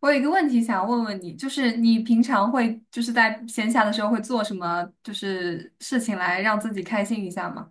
我有一个问题想问问你，就是你平常会就是在闲暇的时候会做什么就是事情来让自己开心一下吗？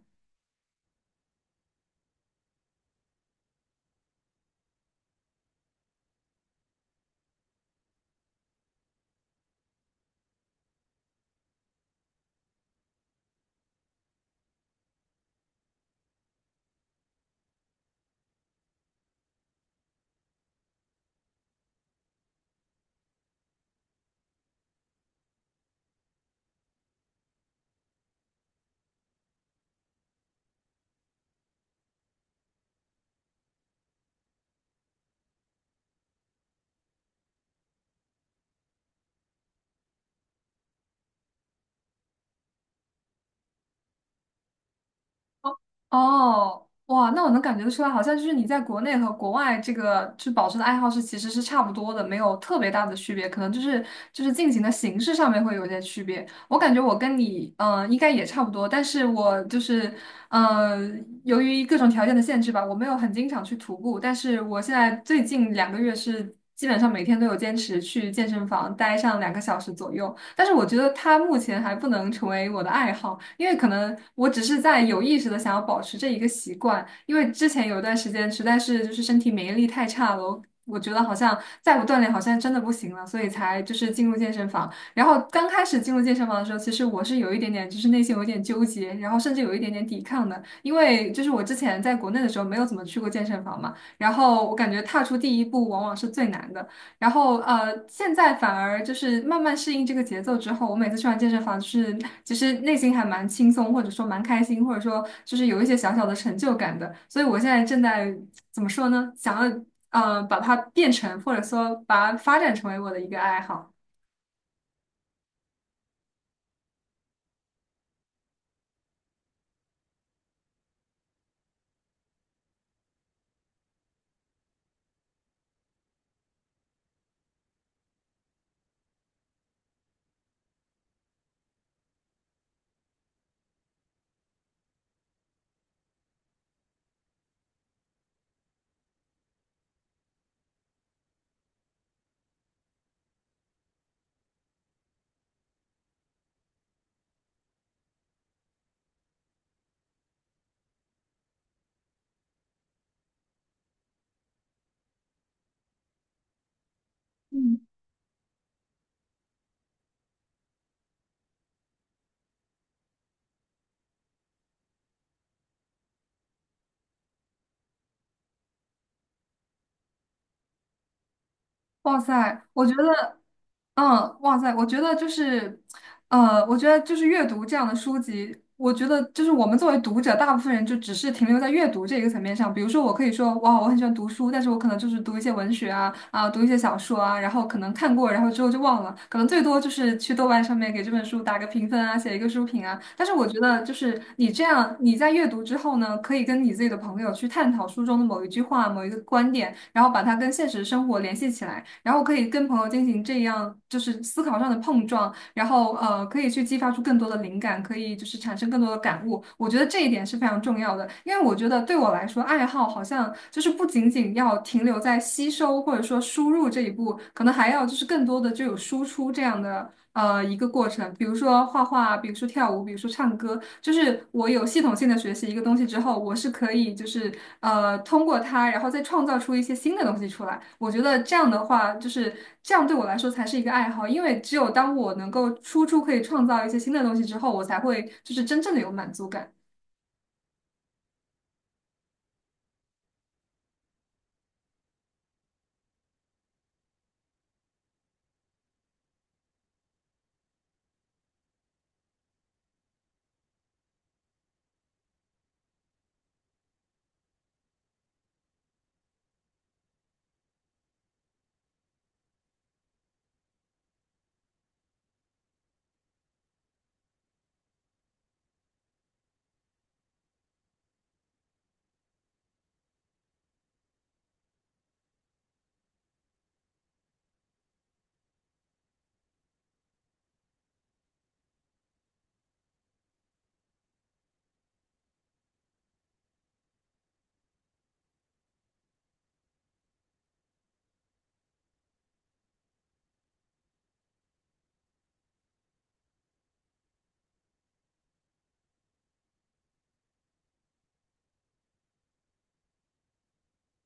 哦，哦哇，那我能感觉得出来，好像就是你在国内和国外这个就保持的爱好是其实是差不多的，没有特别大的区别，可能就是进行的形式上面会有一些区别。我感觉我跟你应该也差不多，但是我就是由于各种条件的限制吧，我没有很经常去徒步，但是我现在最近两个月是基本上每天都有坚持去健身房待上两个小时左右。但是我觉得它目前还不能成为我的爱好，因为可能我只是在有意识的想要保持这一个习惯，因为之前有一段时间实在是就是身体免疫力太差了，我觉得好像再不锻炼好像真的不行了，所以才就是进入健身房。然后刚开始进入健身房的时候，其实我是有一点点就是内心有一点纠结，然后甚至有一点点抵抗的，因为就是我之前在国内的时候没有怎么去过健身房嘛，然后我感觉踏出第一步往往是最难的。然后现在反而就是慢慢适应这个节奏之后，我每次去完健身房，就是其实内心还蛮轻松，或者说蛮开心，或者说就是有一些小小的成就感的。所以我现在正在怎么说呢？想要把它变成，或者说把它发展成为我的一个爱好。嗯，哇塞，我觉得，嗯，哇塞，我觉得就是。我觉得就是阅读这样的书籍，我觉得就是我们作为读者，大部分人就只是停留在阅读这一个层面上。比如说，我可以说哇，我很喜欢读书，但是我可能就是读一些文学啊，啊，读一些小说啊，然后可能看过，然后之后就忘了，可能最多就是去豆瓣上面给这本书打个评分啊，写一个书评啊。但是我觉得，就是你这样，你在阅读之后呢，可以跟你自己的朋友去探讨书中的某一句话、某一个观点，然后把它跟现实生活联系起来，然后可以跟朋友进行这样就是思考上的碰撞。然后可以去激发出更多的灵感，可以就是产生更多的感悟。我觉得这一点是非常重要的，因为我觉得对我来说，爱好好像就是不仅仅要停留在吸收或者说输入这一步，可能还要就是更多的就有输出这样的一个过程，比如说画画，比如说。说跳舞，比如说唱歌，就是我有系统性的学习一个东西之后，我是可以就是通过它，然后再创造出一些新的东西出来。我觉得这样的话，就是这样对我来说才是一个爱好，因为只有当我能够输出可以创造一些新的东西之后，我才会就是真正的有满足感。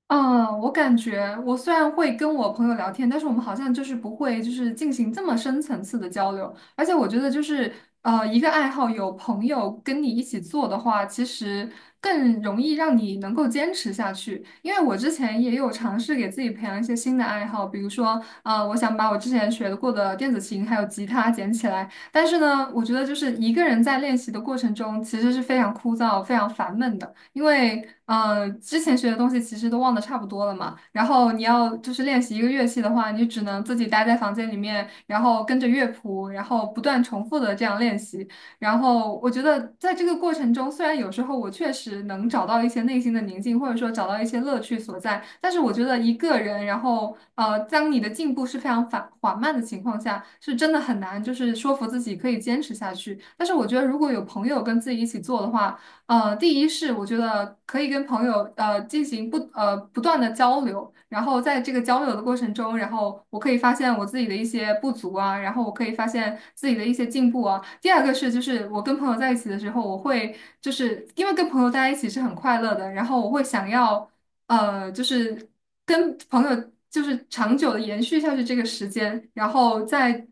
嗯，我感觉我虽然会跟我朋友聊天，但是我们好像就是不会就是进行这么深层次的交流。而且我觉得就是一个爱好有朋友跟你一起做的话，其实更容易让你能够坚持下去。因为我之前也有尝试给自己培养一些新的爱好，比如说我想把我之前学过的电子琴还有吉他捡起来。但是呢，我觉得就是一个人在练习的过程中，其实是非常枯燥、非常烦闷的。因为之前学的东西其实都忘得差不多了嘛。然后你要就是练习一个乐器的话，你只能自己待在房间里面，然后跟着乐谱，然后不断重复的这样练习。然后我觉得在这个过程中，虽然有时候我确实能找到一些内心的宁静，或者说找到一些乐趣所在，但是我觉得一个人，然后当你的进步是非常缓缓慢的情况下，是真的很难，就是说服自己可以坚持下去。但是我觉得如果有朋友跟自己一起做的话，呃，第一是我觉得可以跟朋友进行不断的交流，然后在这个交流的过程中，然后我可以发现我自己的一些不足啊，然后我可以发现自己的一些进步啊。第二个是就是我跟朋友在一起的时候，我会就是因为跟朋友在一起是很快乐的，然后我会想要就是跟朋友就是长久的延续下去这个时间，然后在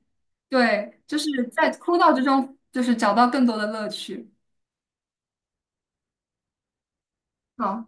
对就是在枯燥之中就是找到更多的乐趣。好。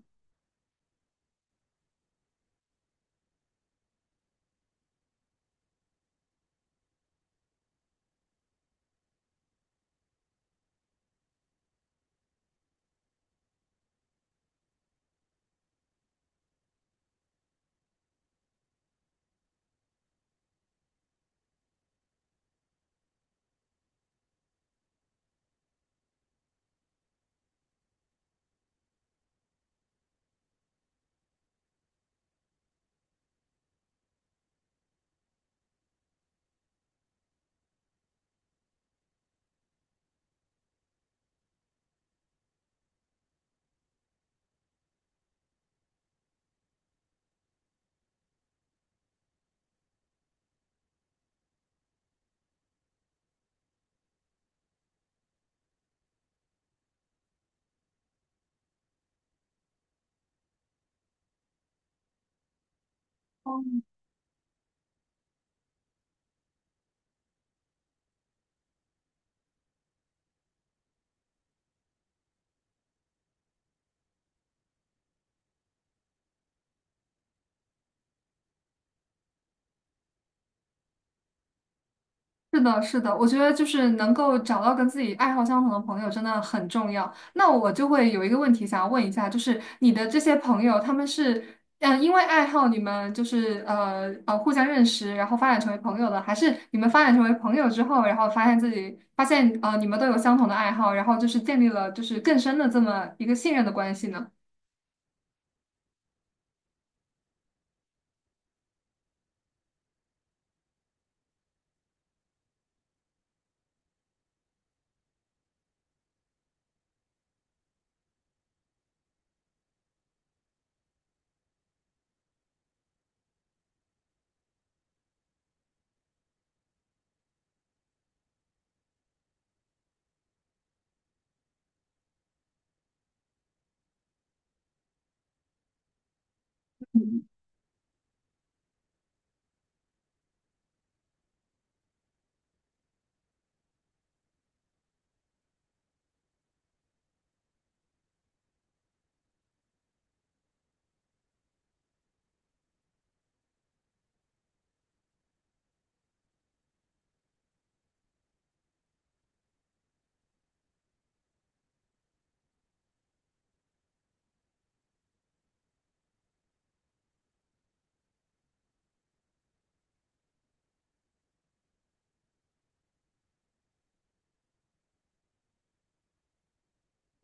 是的，是的，我觉得就是能够找到跟自己爱好相同的朋友真的很重要。那我就会有一个问题想要问一下，就是你的这些朋友，他们是因为爱好你们就是互相认识，然后发展成为朋友的，还是你们发展成为朋友之后，然后发现自己发现你们都有相同的爱好，然后就是建立了就是更深的这么一个信任的关系呢？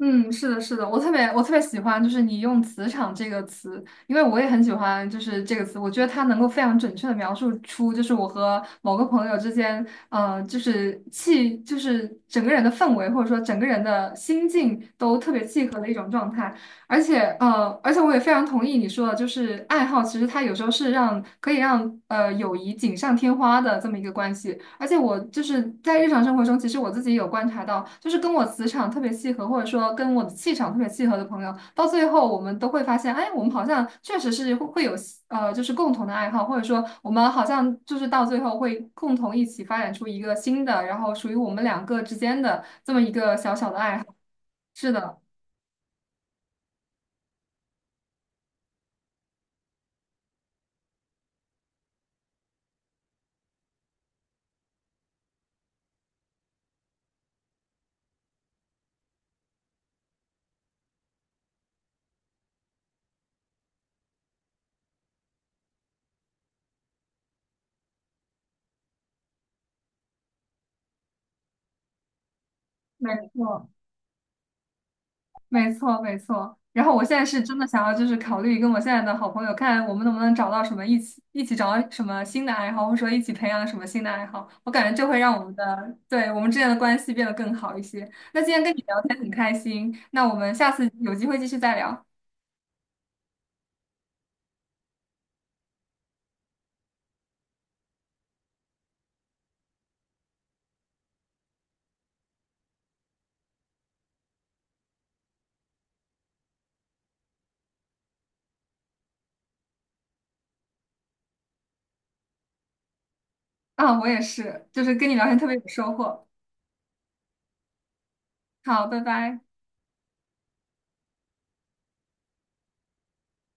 嗯，是的，是的，我特别喜欢，就是你用"磁场"这个词，因为我也很喜欢，就是这个词，我觉得它能够非常准确的描述出，就是我和某个朋友之间，就是气，就是整个人的氛围，或者说整个人的心境都特别契合的一种状态。而且，而且我也非常同意你说的，就是爱好，其实它有时候是让可以让友谊锦上添花的这么一个关系。而且我就是在日常生活中，其实我自己有观察到，就是跟我磁场特别契合，或者说跟我的气场特别契合的朋友，到最后我们都会发现，哎，我们好像确实是会有就是共同的爱好，或者说我们好像就是到最后会共同一起发展出一个新的，然后属于我们两个之间的这么一个小小的爱好。是的，没错。没错，没错。然后我现在是真的想要，就是考虑跟我现在的好朋友，看我们能不能找到什么一起找到什么新的爱好，或者说一起培养什么新的爱好。我感觉这会让我们的，对，我们之间的关系变得更好一些。那今天跟你聊天很开心，那我们下次有机会继续再聊。啊，我也是，就是跟你聊天特别有收获。好，拜拜。